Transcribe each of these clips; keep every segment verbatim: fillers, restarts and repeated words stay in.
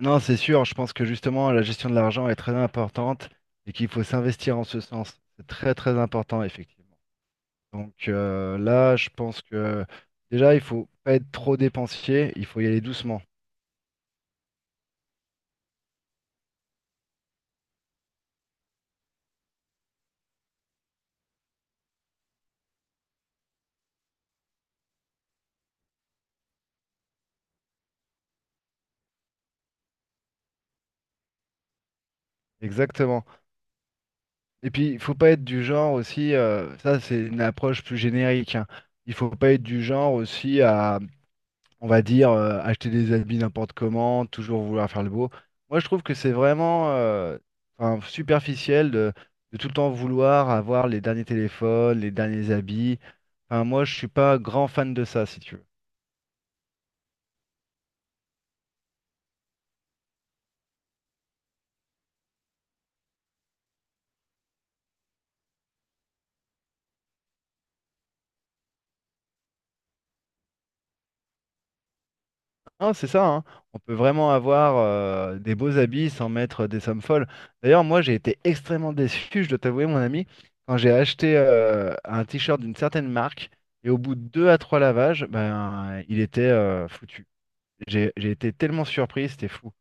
Non, c'est sûr, je pense que justement la gestion de l'argent est très importante et qu'il faut s'investir en ce sens. C'est très très important, effectivement. Donc euh, là, je pense que déjà, il faut pas être trop dépensier, il faut y aller doucement. Exactement. Et puis, il faut pas être du genre aussi, euh, ça c'est une approche plus générique, hein. Il faut pas être du genre aussi à, on va dire, euh, acheter des habits n'importe comment, toujours vouloir faire le beau. Moi, je trouve que c'est vraiment euh, enfin, superficiel de, de tout le temps vouloir avoir les derniers téléphones, les derniers habits. Enfin, moi, je suis pas grand fan de ça, si tu veux. Hein, c'est ça, hein. On peut vraiment avoir euh, des beaux habits sans mettre des sommes folles. D'ailleurs, moi, j'ai été extrêmement déçu, je dois t'avouer, mon ami, quand j'ai acheté euh, un t-shirt d'une certaine marque et au bout de deux à trois lavages, ben, il était euh, foutu. J'ai j'ai été tellement surpris, c'était fou.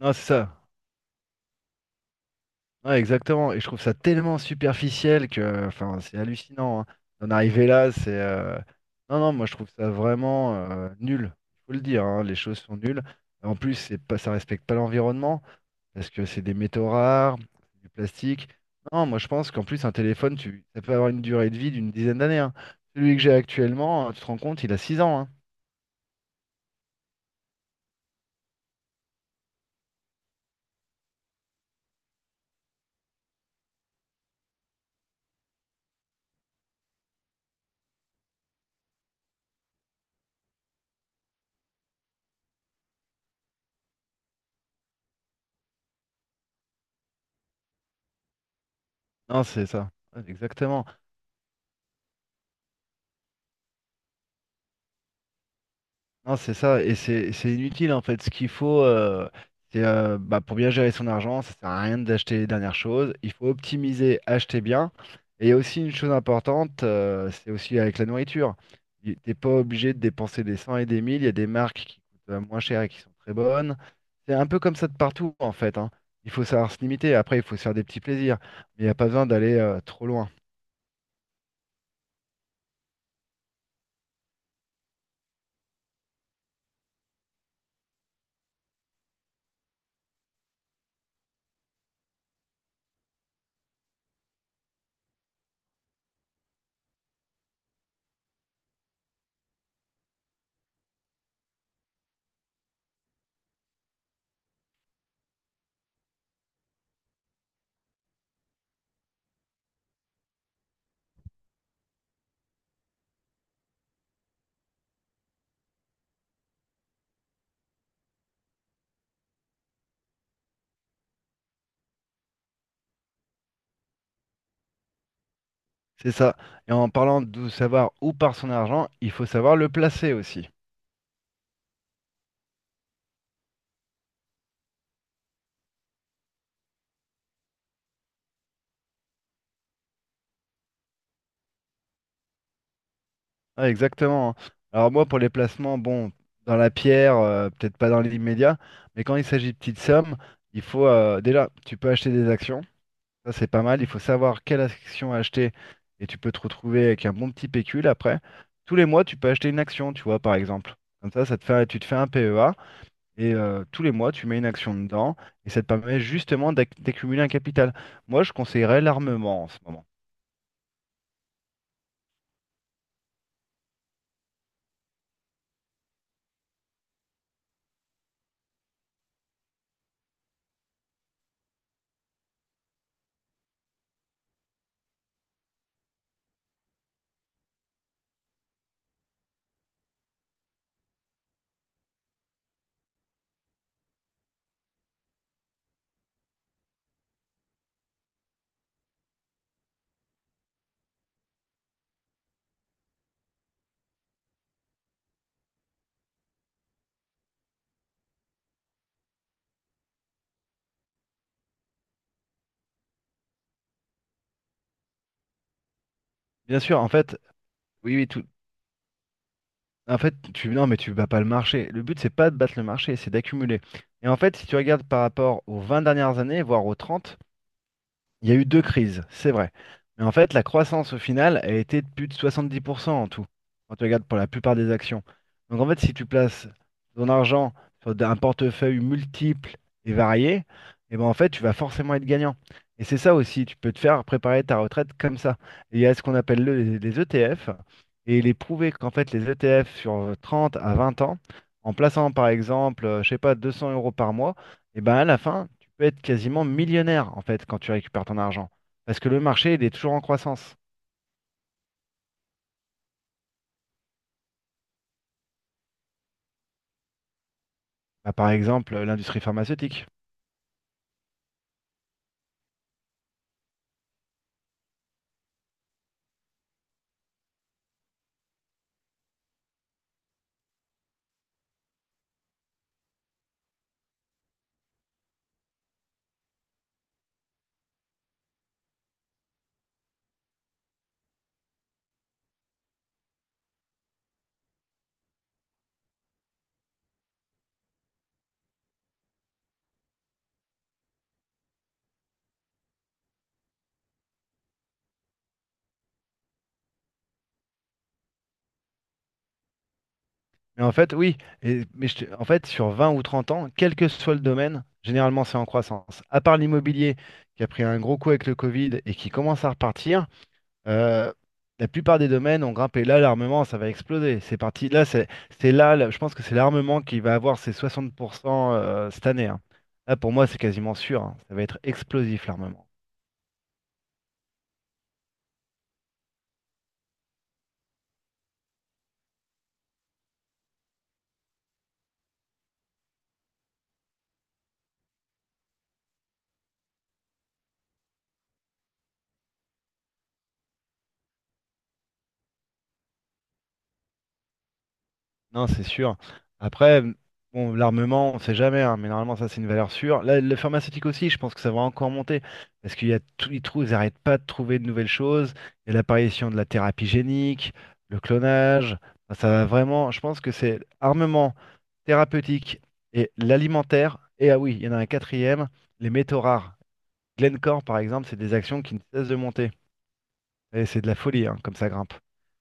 Non, c'est ça. Ouais, exactement. Et je trouve ça tellement superficiel que, enfin, c'est hallucinant, hein. D'en arriver là, c'est. Euh, Non, non, moi je trouve ça vraiment euh, nul. Il faut le dire, hein, les choses sont nulles. En plus, c'est pas, ça respecte pas l'environnement parce que c'est des métaux rares, c'est du plastique. Non, moi je pense qu'en plus un téléphone, tu, ça peut avoir une durée de vie d'une dizaine d'années, hein. Celui que j'ai actuellement, tu te rends compte, il a six ans, hein. Non, c'est ça. Ouais, exactement. Non, c'est ça, et c'est c'est inutile en fait. Ce qu'il faut, euh, c'est euh, bah, pour bien gérer son argent, ça sert à rien d'acheter les dernières choses. Il faut optimiser, acheter bien. Et il y a aussi une chose importante, euh, c'est aussi avec la nourriture. Tu n'es pas obligé de dépenser des cents et des mille. Il y a des marques qui coûtent euh, moins cher et qui sont très bonnes. C'est un peu comme ça de partout en fait, hein. Il faut savoir se limiter. Après, il faut se faire des petits plaisirs, mais il n'y a pas besoin d'aller euh, trop loin. C'est ça. Et en parlant de savoir où part son argent, il faut savoir le placer aussi. Ah, exactement, hein. Alors moi, pour les placements, bon, dans la pierre, euh, peut-être pas dans l'immédiat, mais quand il s'agit de petites sommes, il faut euh, déjà, tu peux acheter des actions, ça c'est pas mal, il faut savoir quelle action acheter et tu peux te retrouver avec un bon petit pécule après. Tous les mois, tu peux acheter une action, tu vois, par exemple. Comme ça, ça te fait, tu te fais un P E A et euh, tous les mois, tu mets une action dedans et ça te permet justement d'ac- d'accumuler un capital. Moi, je conseillerais l'armement en ce moment. Bien sûr, en fait, oui, oui, tout. En fait, tu non, mais tu bats pas le marché. Le but, c'est pas de battre le marché, c'est d'accumuler. Et en fait, si tu regardes par rapport aux vingt dernières années, voire aux trente. Il y a eu deux crises, c'est vrai. Mais en fait, la croissance au final a été de plus de soixante-dix pour cent en tout, quand tu regardes pour la plupart des actions. Donc en fait, si tu places ton argent sur d- un portefeuille multiple et varié, et ben en fait, tu vas forcément être gagnant. Et c'est ça aussi, tu peux te faire préparer ta retraite comme ça. Et il y a ce qu'on appelle le- les E T F, et il est prouvé qu'en fait, les E T F sur trente à vingt ans, en plaçant par exemple, euh, je sais pas, deux cents euros par mois, et ben à la fin, peux être quasiment millionnaire en fait quand tu récupères ton argent. Parce que le marché, il est toujours en croissance. Bah, par exemple, euh, l'industrie pharmaceutique. Mais en fait, oui, et- mais je te- en fait, sur vingt ou trente ans, quel que soit le domaine, généralement c'est en croissance. À part l'immobilier qui a pris un gros coup avec le Covid et qui commence à repartir, euh, la plupart des domaines ont grimpé. Là, l'armement, ça va exploser. C'est parti. Là, c'est c'est là, là, je pense que c'est l'armement qui va avoir ses soixante pour cent euh, cette année, hein. Là, pour moi, c'est quasiment sûr, hein. Ça va être explosif, l'armement. Non, c'est sûr. Après, bon, l'armement, on ne sait jamais, hein, mais normalement, ça, c'est une valeur sûre. Là, le pharmaceutique aussi, je pense que ça va encore monter, parce qu'il y a tous les trous, ils n'arrêtent pas de trouver de nouvelles choses. Il y a l'apparition de la thérapie génique, le clonage. Enfin, ça va vraiment, je pense que c'est armement, thérapeutique et l'alimentaire. Et ah oui, il y en a un quatrième, les métaux rares. Glencore, par exemple, c'est des actions qui ne cessent de monter. Et c'est de la folie, hein, comme ça grimpe.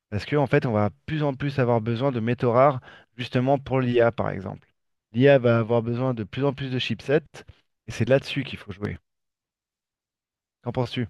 Parce que, en fait, on va plus en plus avoir besoin de métaux rares, justement pour l'I A, par exemple. L'I A va avoir besoin de plus en plus de chipsets, et c'est là-dessus qu'il faut jouer. Qu'en penses-tu?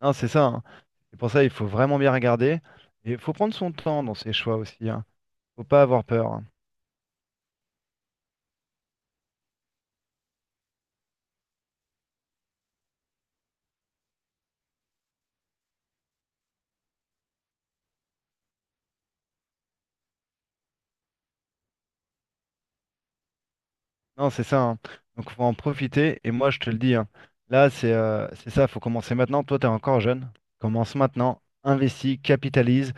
Non, c'est ça, hein. C'est pour ça il faut vraiment bien regarder. Et il faut prendre son temps dans ses choix aussi, hein. Faut pas avoir peur, hein. Non, c'est ça, hein. Donc, faut en profiter. Et moi, je te le dis, hein, là, c'est euh, c'est ça. Faut commencer maintenant. Toi, t'es encore jeune. Commence maintenant. Investis, capitalise.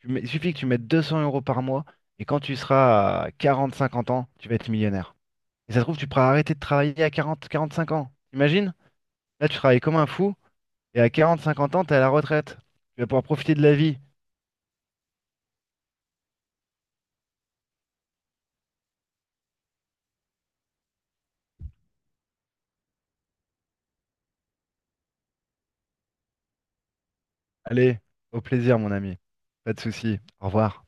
Tu mets- Il suffit que tu mettes deux cents euros par mois. Et quand tu seras à quarante cinquante ans, tu vas être millionnaire. Et ça se trouve, tu pourras arrêter de travailler à quarante quarante-cinq ans. Imagine. Là, tu travailles comme un fou. Et à quarante cinquante ans, t'es à la retraite. Tu vas pouvoir profiter de la vie. Allez, au plaisir, mon ami. Pas de souci. Au revoir.